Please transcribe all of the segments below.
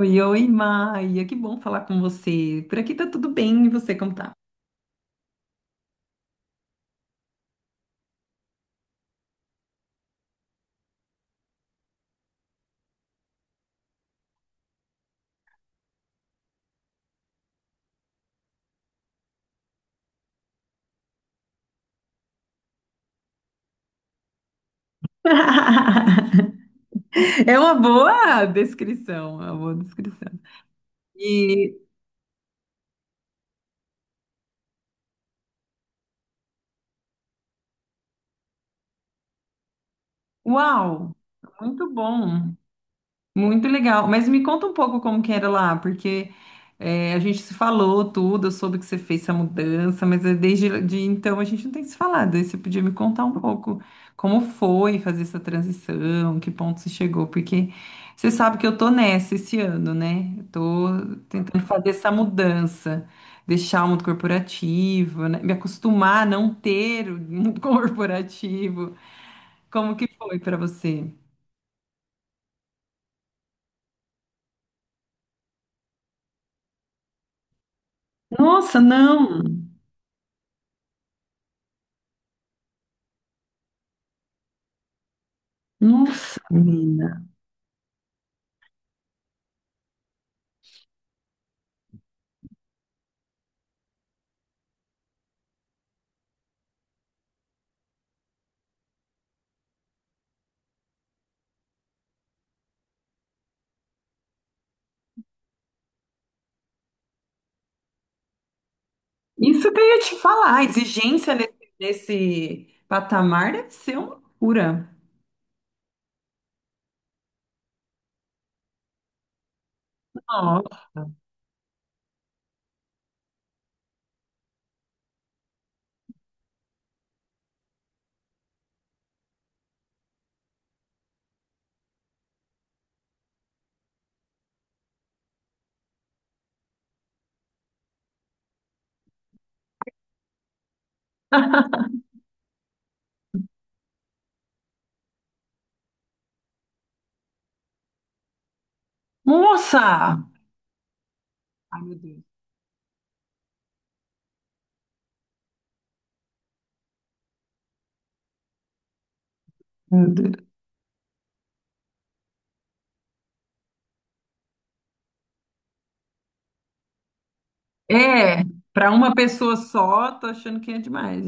Oi, oi, Maia, que bom falar com você. Por aqui tá tudo bem, e você como tá? É uma boa descrição, é uma boa descrição. E, uau, muito bom. Muito legal. Mas me conta um pouco como que era lá, porque a gente se falou tudo, eu soube que você fez essa mudança, mas desde de então a gente não tem se falado. Aí você podia me contar um pouco como foi fazer essa transição, que ponto você chegou, porque você sabe que eu tô nessa esse ano, né? Eu tô tentando fazer essa mudança, deixar o mundo corporativo, né? Me acostumar a não ter o mundo corporativo. Como que foi para você? Nossa, não. Nossa, menina. Isso que eu ia te falar, a exigência nesse, nesse patamar deve ser uma loucura. Nossa. Nossa! Ai, meu Deus. Meu Deus. É, para uma pessoa só, tô achando que é demais.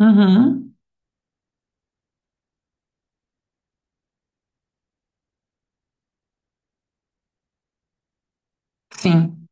Uhum. Sim.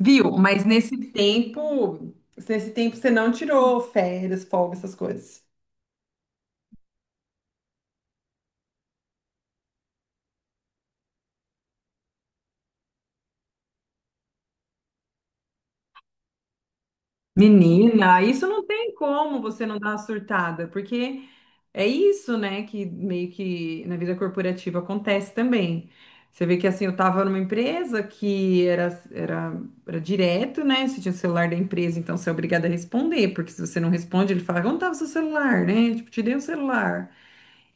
Viu? Mas nesse tempo você não tirou férias, folga, essas coisas. Menina, isso não tem como você não dar uma surtada, porque é isso, né, que meio que na vida corporativa acontece também. Você vê que assim, eu tava numa empresa que era, era, era direto, né? Você tinha o celular da empresa, então você é obrigado a responder, porque se você não responde, ele fala, onde estava o seu celular, né? Tipo, te dei o celular.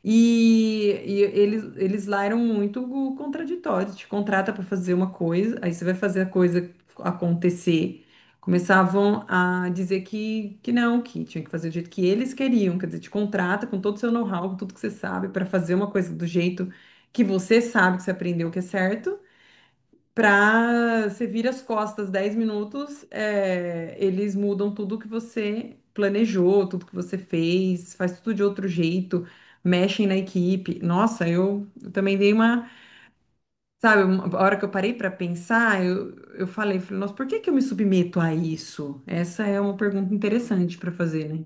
E eles lá eram muito contraditórios. Te contrata para fazer uma coisa, aí você vai fazer a coisa acontecer. Começavam a dizer que não, que tinha que fazer do jeito que eles queriam. Quer dizer, te contrata com todo o seu know-how, com tudo que você sabe, para fazer uma coisa do jeito que você sabe que você aprendeu que é certo. Pra você vira as costas 10 minutos, é, eles mudam tudo que você planejou, tudo que você fez, faz tudo de outro jeito, mexem na equipe. Nossa, eu também dei uma, sabe, uma- a hora que eu parei pra pensar, eu falei, falei, nossa, por que que eu me submeto a isso? Essa é uma pergunta interessante pra fazer, né?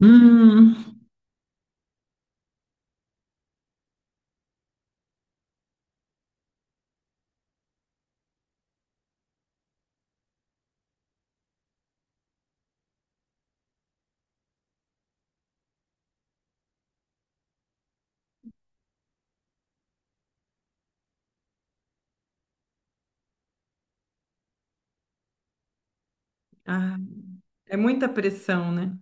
Hum, ah, é muita pressão, né?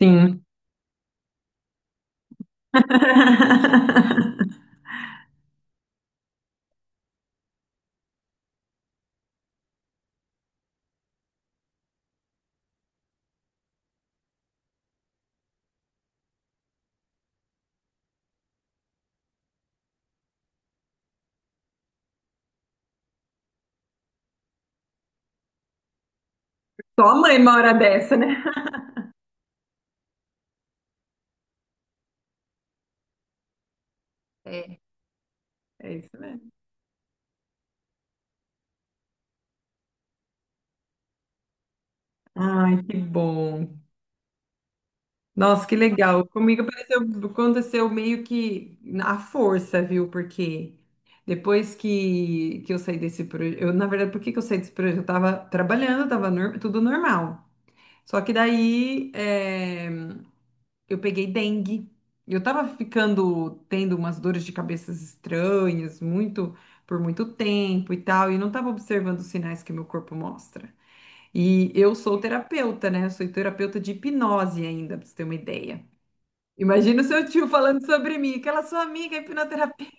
Sim. Só a mãe uma hora dessa, né? É. É isso mesmo. Ai, que bom. Nossa, que legal. Comigo apareceu, aconteceu meio que na força, viu? Porque depois que eu saí desse projeto, eu, na verdade, por que que eu saí desse projeto? Eu tava trabalhando, tava nor- tudo normal. Só que daí eu peguei dengue. Eu tava ficando tendo umas dores de cabeças estranhas, muito por muito tempo e tal, e não tava observando os sinais que meu corpo mostra. E eu sou terapeuta, né? Eu sou terapeuta de hipnose ainda, pra você ter uma ideia. Imagina o seu tio falando sobre mim, aquela sua amiga é hipnoterapeuta.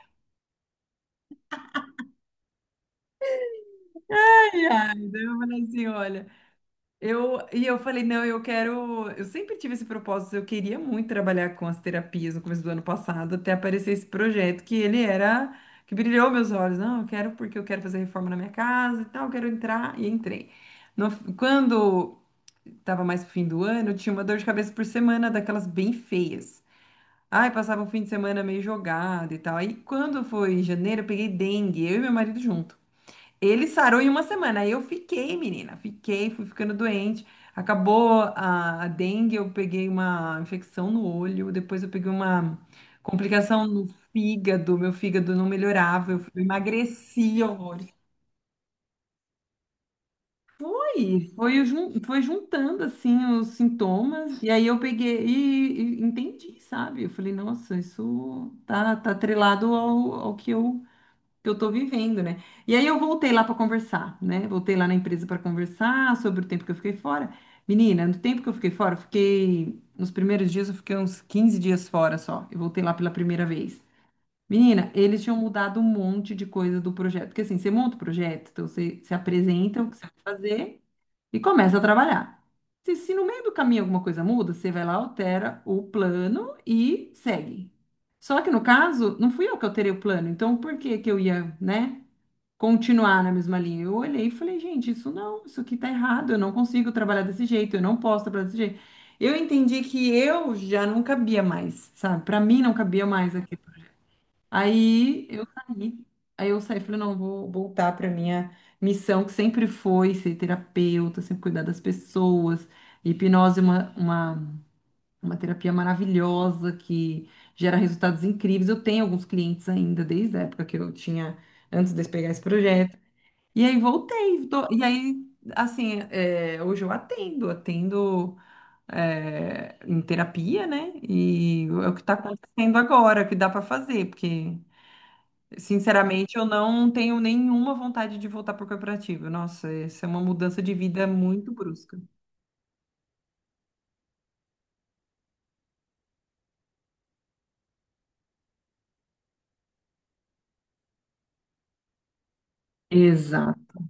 Ai, ai. Daí eu falei assim, olha, eu falei, não, eu quero, eu sempre tive esse propósito, eu queria muito trabalhar com as terapias no começo do ano passado, até aparecer esse projeto que ele era que brilhou meus olhos. Não, eu quero porque eu quero fazer reforma na minha casa e tal, eu quero entrar e entrei. No- quando estava mais pro fim do ano, eu tinha uma dor de cabeça por semana daquelas bem feias. Ai, passava um fim de semana meio jogado e tal. Aí quando foi em janeiro, eu peguei dengue, eu e meu marido junto. Ele sarou em uma semana, aí eu fiquei, menina, fiquei, fui ficando doente. Acabou a dengue, eu peguei uma infecção no olho, depois eu peguei uma complicação no fígado, meu fígado não melhorava, eu fui- eu emagreci horrores. E foi, jun- foi juntando assim os sintomas, e aí eu peguei e entendi, sabe? Eu falei, nossa, isso tá, tá atrelado ao que eu tô vivendo, né? E aí eu voltei lá para conversar, né? Voltei lá na empresa para conversar sobre o tempo que eu fiquei fora. Menina, no tempo que eu fiquei fora, eu fiquei. Nos primeiros dias eu fiquei uns 15 dias fora só. Eu voltei lá pela primeira vez. Menina, eles tinham mudado um monte de coisa do projeto. Porque assim, você monta o projeto, então você se apresenta o que você vai fazer e começa a trabalhar. Se no meio do caminho alguma coisa muda, você vai lá, altera o plano e segue. Só que no caso, não fui eu que alterei o plano, então por que que eu ia, né, continuar na mesma linha? Eu olhei e falei, gente, isso não, isso aqui tá errado, eu não consigo trabalhar desse jeito, eu não posso trabalhar desse jeito. Eu entendi que eu já não cabia mais, sabe? Para mim não cabia mais aqui. Aí eu saí. Aí eu saí e falei, não, eu vou voltar para minha missão, que sempre foi ser terapeuta, sempre cuidar das pessoas. Hipnose é uma terapia maravilhosa que gera resultados incríveis. Eu tenho alguns clientes ainda, desde a época que eu tinha, antes de eu pegar esse projeto. E aí voltei. Tô- e aí, assim, é, hoje eu atendo, atendo é, em terapia, né? E é o que está acontecendo agora, o que dá para fazer, porque. Sinceramente, eu não tenho nenhuma vontade de voltar para o corporativo. Nossa, essa é uma mudança de vida muito brusca. Exato.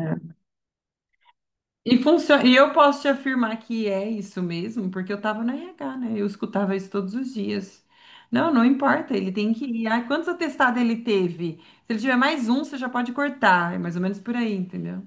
É. E funciona, e eu posso te afirmar que é isso mesmo, porque eu estava no RH, né? Eu escutava isso todos os dias. Não, não importa, ele tem que ir. Ah, quantos atestados ele teve? Se ele tiver mais um, você já pode cortar. É mais ou menos por aí, entendeu?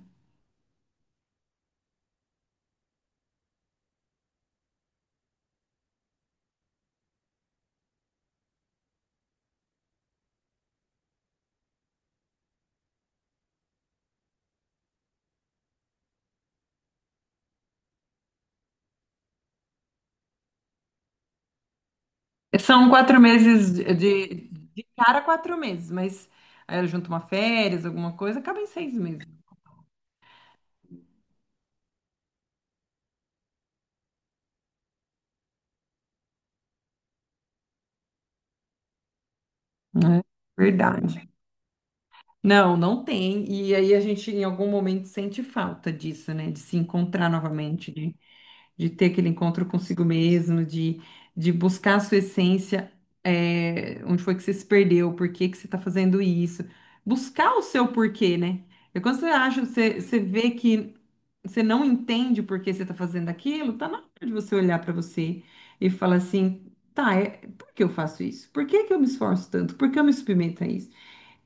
São 4 meses de, de cara, 4 meses, mas aí eu junto uma férias, alguma coisa, acaba em 6 meses. É verdade. Não, não tem. E aí a gente em algum momento sente falta disso, né? De se encontrar novamente, de ter aquele encontro consigo mesmo, de buscar a sua essência, é, onde foi que você se perdeu, por que que você está fazendo isso. Buscar o seu porquê, né? E quando você acha, você, você vê que você não entende por que você está fazendo aquilo, tá na hora de você olhar para você e falar assim, tá, é, por que eu faço isso? Por que que eu me esforço tanto? Por que eu me submeto a isso?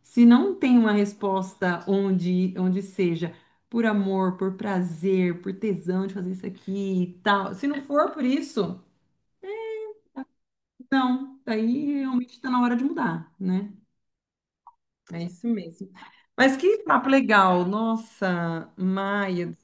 Se não tem uma resposta onde, onde seja por amor, por prazer, por tesão de fazer isso aqui e tal, se não for por isso, não, daí realmente está na hora de mudar, né? É isso mesmo. Mas que papo legal, nossa, Maia.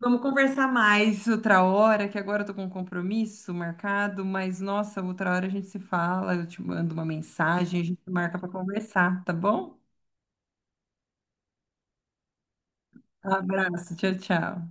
Vamos conversar mais outra hora, que agora eu tô com um compromisso marcado, mas nossa, outra hora a gente se fala, eu te mando uma mensagem, a gente marca para conversar, tá bom? Abraço, tchau, tchau.